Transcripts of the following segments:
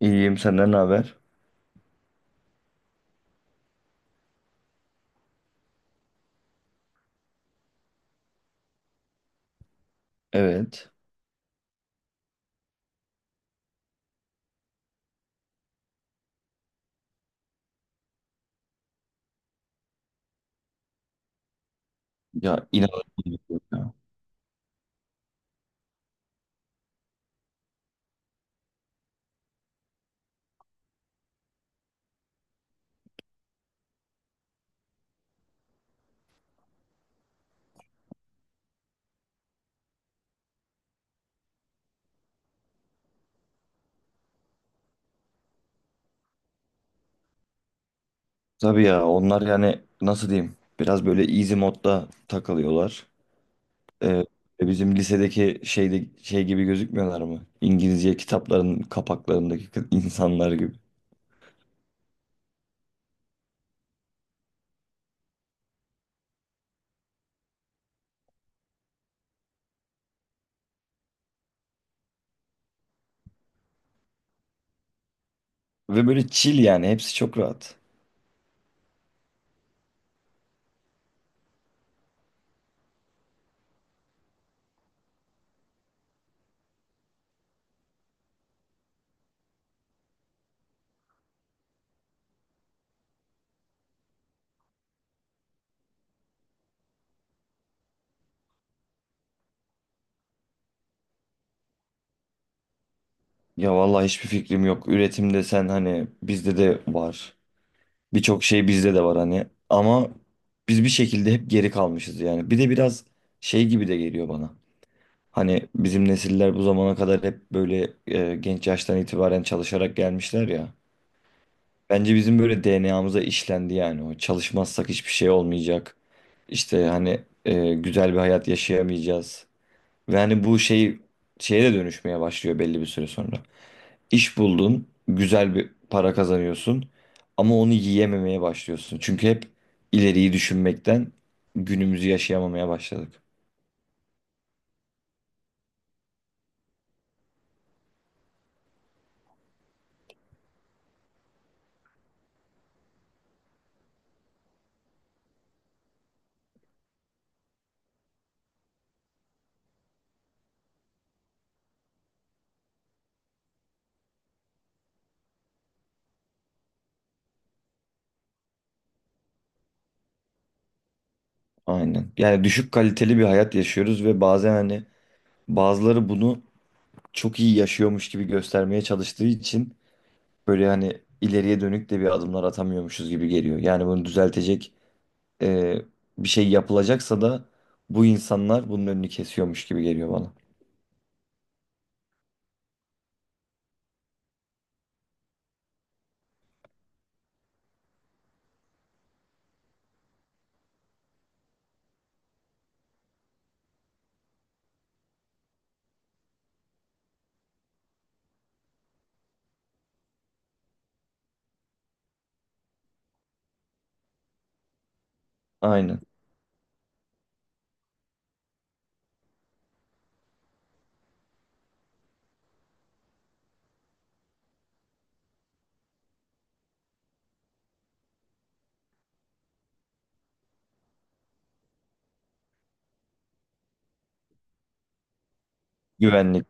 İyiyim, senden ne haber? Evet. Ya inanılmaz, ya. Tabii ya, onlar yani nasıl diyeyim, biraz böyle easy modda takılıyorlar. Ee, Bizim lisedeki şeyde şey gibi gözükmüyorlar mı? İngilizce kitapların kapaklarındaki insanlar gibi. Ve böyle chill, yani hepsi çok rahat. Ya vallahi hiçbir fikrim yok. Üretim desen hani bizde de var. Birçok şey bizde de var hani. Ama biz bir şekilde hep geri kalmışız yani. Bir de biraz şey gibi de geliyor bana. Hani bizim nesiller bu zamana kadar hep böyle genç yaştan itibaren çalışarak gelmişler ya. Bence bizim böyle DNA'mıza işlendi yani o. Çalışmazsak hiçbir şey olmayacak. İşte hani güzel bir hayat yaşayamayacağız. Ve hani bu şey şeye de dönüşmeye başlıyor belli bir süre sonra. İş buldun, güzel bir para kazanıyorsun ama onu yiyememeye başlıyorsun. Çünkü hep ileriyi düşünmekten günümüzü yaşayamamaya başladık. Aynen. Yani düşük kaliteli bir hayat yaşıyoruz ve bazen hani bazıları bunu çok iyi yaşıyormuş gibi göstermeye çalıştığı için böyle hani ileriye dönük de bir adımlar atamıyormuşuz gibi geliyor. Yani bunu düzeltecek e, bir şey yapılacaksa da bu insanlar bunun önünü kesiyormuş gibi geliyor bana. Aynen. Güvenlik.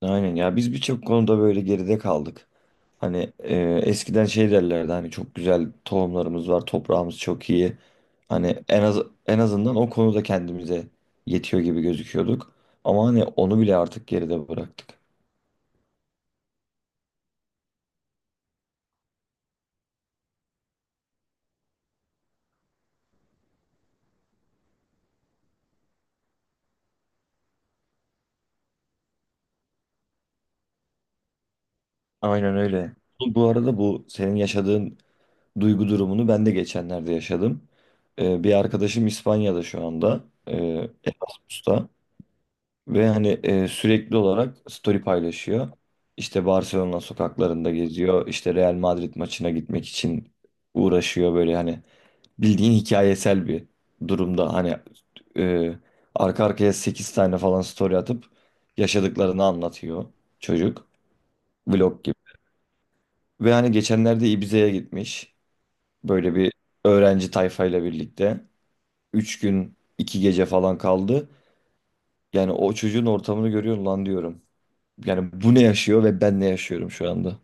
Aynen ya, biz birçok konuda böyle geride kaldık. Hani eskiden şey derlerdi, hani çok güzel tohumlarımız var, toprağımız çok iyi. Hani en az, en azından o konuda kendimize yetiyor gibi gözüküyorduk. Ama hani onu bile artık geride bıraktık. Aynen öyle. Bu, bu arada bu senin yaşadığın duygu durumunu ben de geçenlerde yaşadım. Bir arkadaşım İspanya'da şu anda. Erasmus'ta. Ve hani sürekli olarak story paylaşıyor. İşte Barcelona sokaklarında geziyor. İşte Real Madrid maçına gitmek için uğraşıyor, böyle hani bildiğin hikayesel bir durumda. Hani e, arka arkaya 8 tane falan story atıp yaşadıklarını anlatıyor çocuk. Vlog gibi. Ve hani geçenlerde Ibiza'ya gitmiş. Böyle bir öğrenci tayfayla birlikte. Üç gün 2 gece falan kaldı. Yani o çocuğun ortamını görüyorum, lan diyorum. Yani bu ne yaşıyor ve ben ne yaşıyorum şu anda?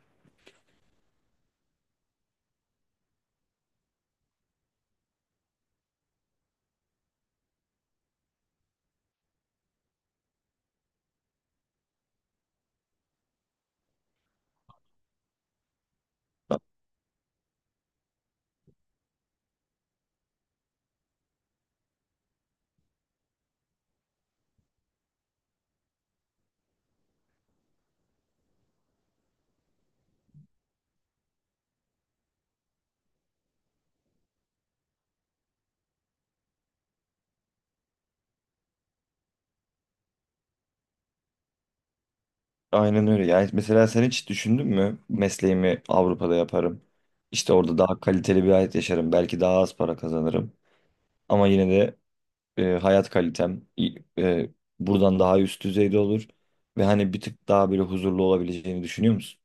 Aynen öyle. Yani mesela sen hiç düşündün mü, mesleğimi Avrupa'da yaparım. İşte orada daha kaliteli bir hayat yaşarım. Belki daha az para kazanırım. Ama yine de hayat kalitem buradan daha üst düzeyde olur. Ve hani bir tık daha böyle huzurlu olabileceğini düşünüyor musun?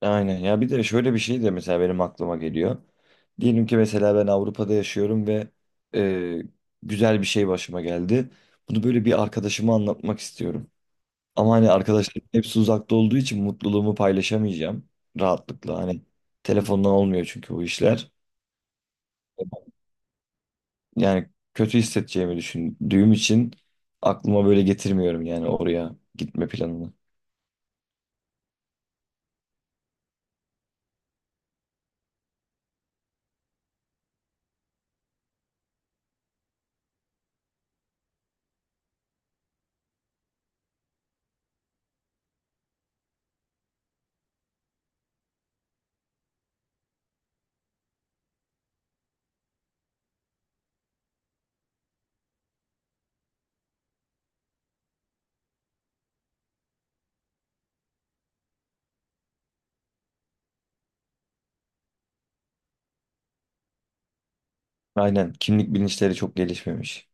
Aynen ya, bir de şöyle bir şey de mesela benim aklıma geliyor. Diyelim ki mesela ben Avrupa'da yaşıyorum ve e, güzel bir şey başıma geldi. Bunu böyle bir arkadaşıma anlatmak istiyorum. Ama hani arkadaşlarım hepsi uzakta olduğu için mutluluğumu paylaşamayacağım rahatlıkla. Hani telefondan olmuyor çünkü bu işler. Yani kötü hissedeceğimi düşündüğüm için aklıma böyle getirmiyorum yani, oraya gitme planını. Aynen, kimlik bilinçleri çok gelişmemiş.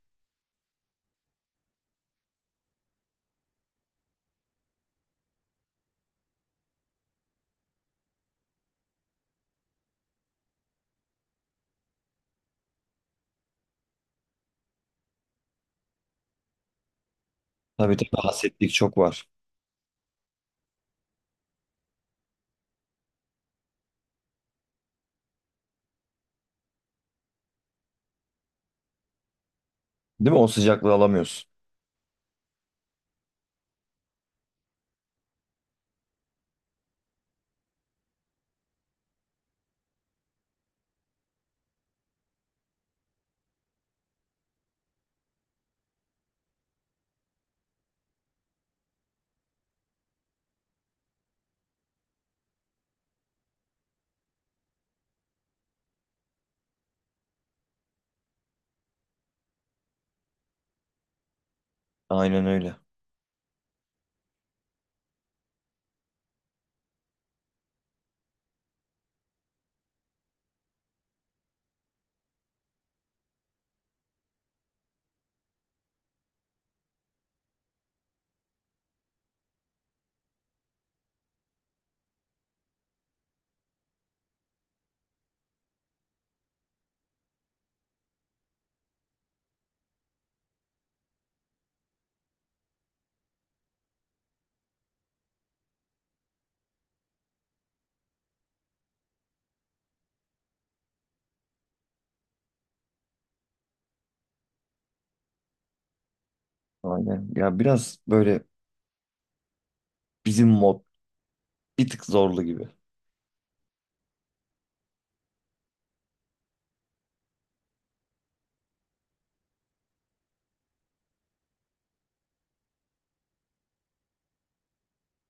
Tabii, tabii, hasetlik çok var. Değil mi? O sıcaklığı alamıyorsun. Aynen öyle. Aynen. Ya biraz böyle bizim mod bir tık zorlu gibi.